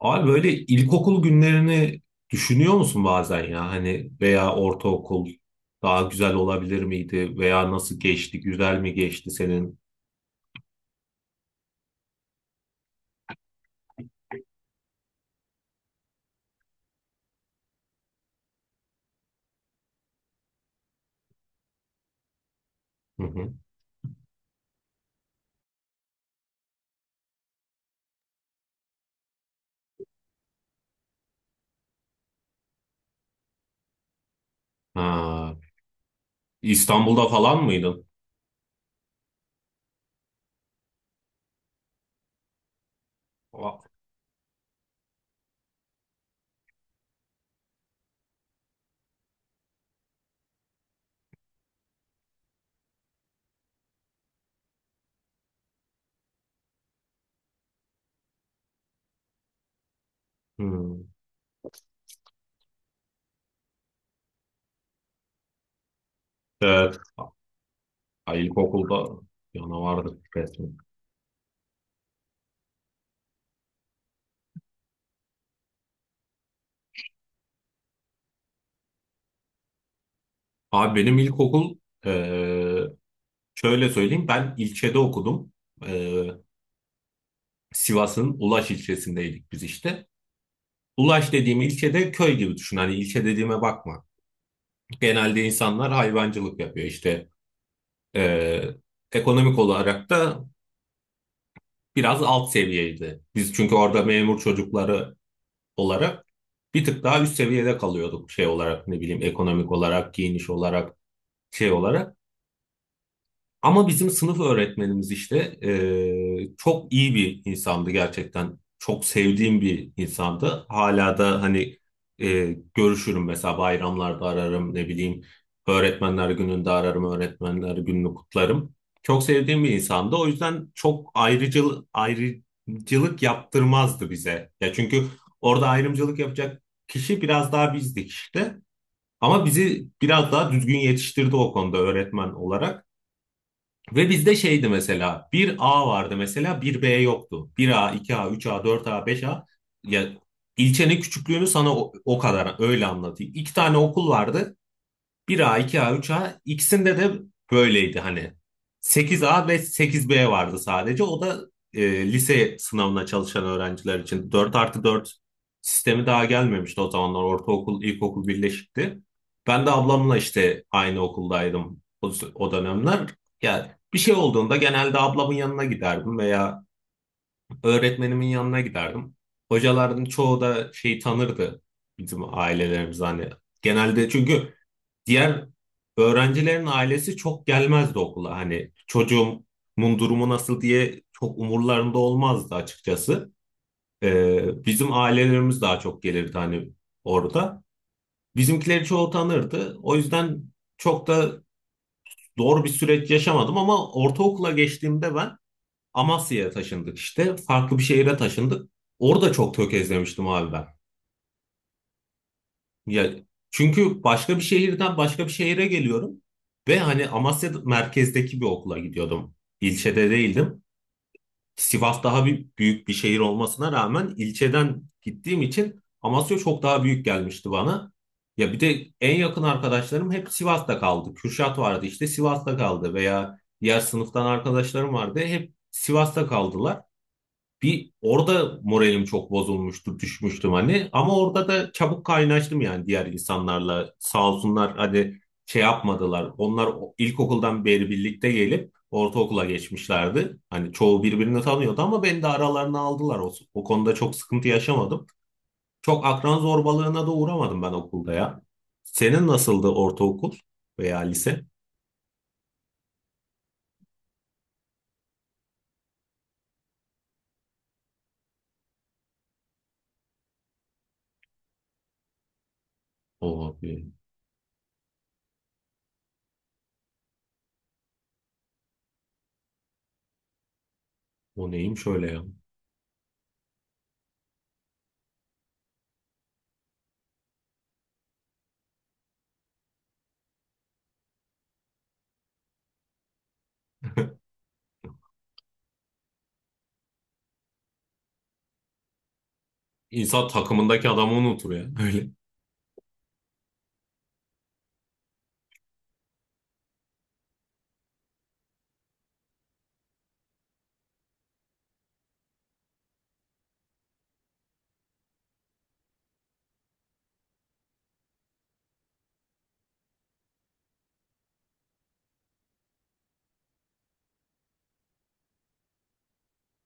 Abi böyle ilkokul günlerini düşünüyor musun bazen ya hani veya ortaokul daha güzel olabilir miydi veya nasıl geçti güzel mi geçti senin? Hı hı. Ha, İstanbul'da falan mıydın? Va- Hmm. Evet. Ha, ilkokulda yana vardı resmen. Abi, benim ilkokul, eee şöyle söyleyeyim, ben ilçede okudum. Eee, Sivas'ın Ulaş ilçesindeydik biz işte. Ulaş dediğim ilçede köy gibi düşün. Hani ilçe dediğime bakma. Genelde insanlar hayvancılık yapıyor işte. Eee, ekonomik olarak da biraz alt seviyeydi. Biz çünkü orada memur çocukları olarak bir tık daha üst seviyede kalıyorduk, şey olarak, ne bileyim, ekonomik olarak, giyiniş olarak, şey olarak. Ama bizim sınıf öğretmenimiz işte çok iyi bir insandı gerçekten. Çok sevdiğim bir insandı. Hala da hani görüşürüm, mesela bayramlarda ararım, ne bileyim, öğretmenler gününde ararım, öğretmenler gününü kutlarım. Çok sevdiğim bir insandı. O yüzden çok ayrıcılık yaptırmazdı bize. Ya çünkü orada ayrımcılık yapacak kişi biraz daha bizdik işte. Ama bizi biraz daha düzgün yetiştirdi o konuda öğretmen olarak. Ve bizde şeydi mesela, bir a vardı mesela, bir b yoktu. Bir a, iki a, üç a, dört a, beş a. Ya ilçenin küçüklüğünü sana o kadar öyle anlatayım. İki tane okul vardı, bir a, iki a, üç a, ikisinde de böyleydi hani. Sekiz a ve sekiz b vardı sadece. O da lise sınavına çalışan öğrenciler için. Dört artı 4 sistemi daha gelmemişti o zamanlar. Ortaokul, ilkokul birleşikti. Ben de ablamla işte aynı okuldaydım o dönemler. Yani bir şey olduğunda genelde ablamın yanına giderdim veya öğretmenimin yanına giderdim. Hocaların çoğu da şeyi tanırdı, bizim ailelerimiz hani. Genelde çünkü diğer öğrencilerin ailesi çok gelmezdi okula. Hani çocuğumun durumu nasıl diye çok umurlarında olmazdı açıkçası. Bizim ailelerimiz daha çok gelirdi hani orada. Bizimkileri çoğu tanırdı. O yüzden çok da doğru bir süreç yaşamadım, ama ortaokula geçtiğimde ben Amasya'ya taşındık işte. Farklı bir şehire taşındık. Orada çok tökezlemiştim abi ben. Ya çünkü başka bir şehirden başka bir şehire geliyorum ve hani Amasya merkezdeki bir okula gidiyordum. İlçede değildim. Sivas daha bir, büyük bir şehir olmasına rağmen ilçeden gittiğim için Amasya çok daha büyük gelmişti bana. Ya bir de en yakın arkadaşlarım hep Sivas'ta kaldı. Kürşat vardı işte Sivas'ta kaldı, veya diğer sınıftan arkadaşlarım vardı hep Sivas'ta kaldılar. Bir orada moralim çok bozulmuştu, düşmüştüm hani. Ama orada da çabuk kaynaştım yani diğer insanlarla. Sağ olsunlar, hani şey yapmadılar. Onlar ilkokuldan beri birlikte gelip ortaokula geçmişlerdi. Hani çoğu birbirini tanıyordu ama beni de aralarına aldılar. O konuda çok sıkıntı yaşamadım. Çok akran zorbalığına da uğramadım ben okulda ya. Senin nasıldı ortaokul veya lise? O abi, o neymiş öyle ya? İnsan takımındaki adamı unutur ya. Öyle.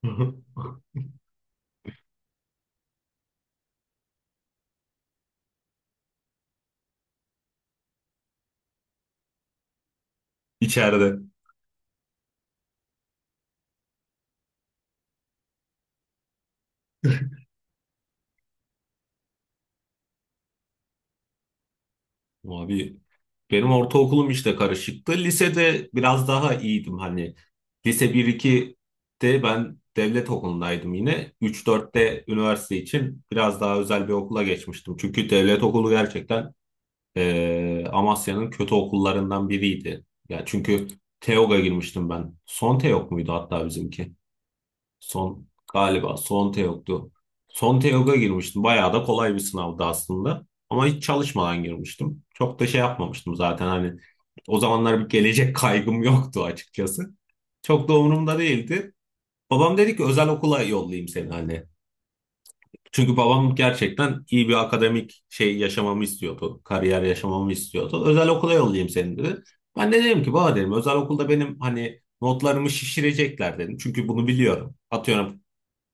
İçeride. Abi, benim ortaokulum işte karışıktı. Lisede biraz daha iyiydim hani. Lise 1-2'de ben devlet okulundaydım yine. 3-4'te üniversite için biraz daha özel bir okula geçmiştim. Çünkü devlet okulu gerçekten Amasya'nın kötü okullarından biriydi. Ya çünkü TEOG'a girmiştim ben. Son TEOG muydu hatta bizimki? Son, galiba son yoktu. Son Teok'a girmiştim. Bayağı da kolay bir sınavdı aslında. Ama hiç çalışmadan girmiştim. Çok da şey yapmamıştım zaten, hani o zamanlar bir gelecek kaygım yoktu açıkçası. Çok da umurumda değildi. Babam dedi ki özel okula yollayayım seni hani. Çünkü babam gerçekten iyi bir akademik şey yaşamamı istiyordu. Kariyer yaşamamı istiyordu. Özel okula yollayayım seni dedi. Ben de dedim ki, baba dedim, özel okulda benim hani notlarımı şişirecekler dedim. Çünkü bunu biliyorum. Atıyorum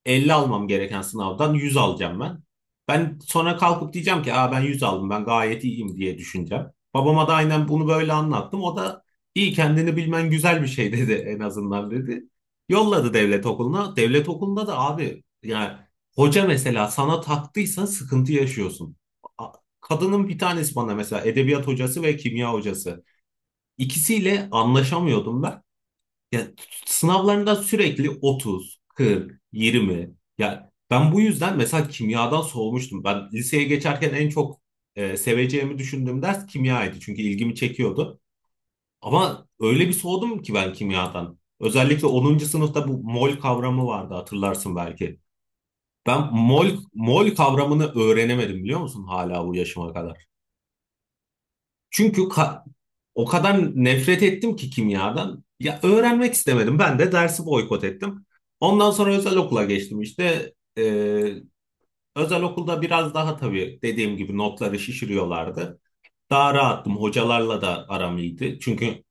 50 almam gereken sınavdan 100 alacağım ben. Ben sonra kalkıp diyeceğim ki, aa, ben 100 aldım, ben gayet iyiyim diye düşüneceğim. Babama da aynen bunu böyle anlattım. O da iyi, kendini bilmen güzel bir şey dedi, en azından dedi. Yolladı devlet okuluna. Devlet okulunda da abi yani hoca mesela sana taktıysa sıkıntı yaşıyorsun. A- Kadının bir tanesi bana mesela edebiyat hocası ve kimya hocası. İkisiyle anlaşamıyordum ben. Ya sınavlarında sürekli 30, 40, 20. Ya ben bu yüzden mesela kimyadan soğumuştum. Ben liseye geçerken en çok seveceğimi düşündüğüm ders kimyaydı. Çünkü ilgimi çekiyordu. Ama öyle bir soğudum ki ben kimyadan. Özellikle onuncu sınıfta bu mol kavramı vardı, hatırlarsın belki. Ben mol kavramını öğrenemedim biliyor musun, hala bu yaşıma kadar. Çünkü o kadar nefret ettim ki kimyadan. Ya öğrenmek istemedim. Ben de dersi boykot ettim. Ondan sonra özel okula geçtim işte. Özel okulda biraz daha, tabii dediğim gibi, notları şişiriyorlardı. Daha rahattım. Hocalarla da aram iyiydi. Çünkü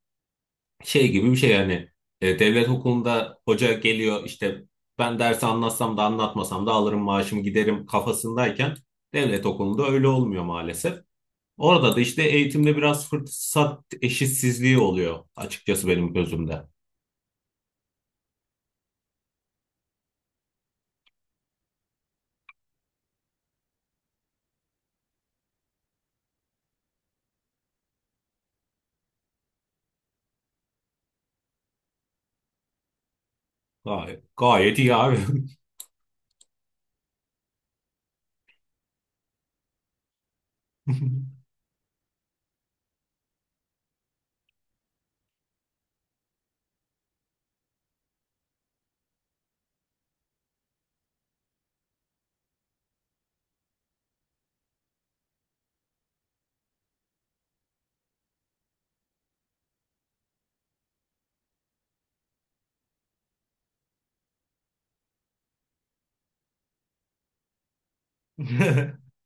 şey gibi bir şey yani, devlet okulunda hoca geliyor işte, ben dersi anlatsam da anlatmasam da alırım maaşımı giderim kafasındayken, devlet okulunda öyle olmuyor maalesef. Orada da işte eğitimde biraz fırsat eşitsizliği oluyor açıkçası benim gözümde. Gayet, gayet iyi abi.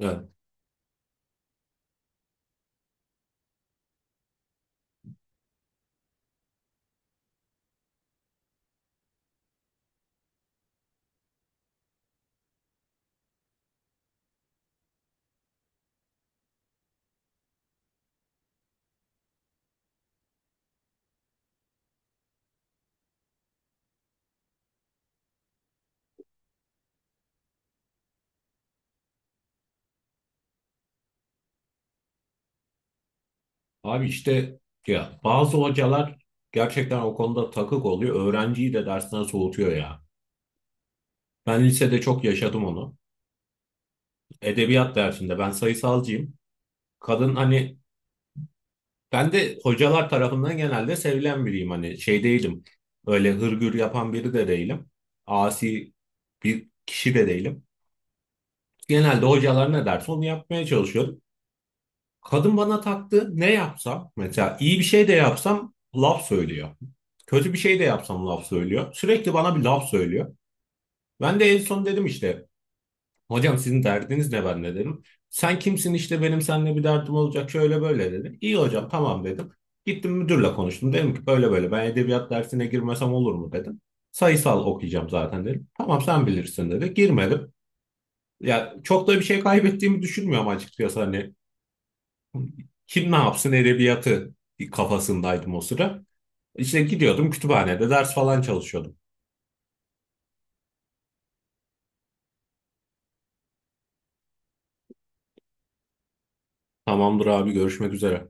Evet. Abi işte ya, bazı hocalar gerçekten o konuda takık oluyor. Öğrenciyi de dersten soğutuyor ya. Ben lisede çok yaşadım onu. Edebiyat dersinde, ben sayısalcıyım. Kadın hani, ben de hocalar tarafından genelde sevilen biriyim, hani şey değilim. Öyle hırgür yapan biri de değilim. Asi bir kişi de değilim. Genelde hocalar ne derse onu yapmaya çalışıyorum. Kadın bana taktı, ne yapsam mesela, iyi bir şey de yapsam laf söylüyor. Kötü bir şey de yapsam laf söylüyor. Sürekli bana bir laf söylüyor. Ben de en son dedim işte, hocam sizin derdiniz ne ben de dedim. Sen kimsin, işte benim seninle bir derdim olacak, şöyle böyle dedi. İyi hocam tamam dedim. Gittim müdürle konuştum. Dedim ki böyle böyle, ben edebiyat dersine girmesem olur mu dedim. Sayısal okuyacağım zaten dedim. Tamam sen bilirsin dedi. Girmedim. Ya çok da bir şey kaybettiğimi düşünmüyorum açıkçası hani. Kim ne yapsın edebiyatı kafasındaydım o sıra. İşte gidiyordum, kütüphanede ders falan çalışıyordum. Tamamdır abi, görüşmek üzere.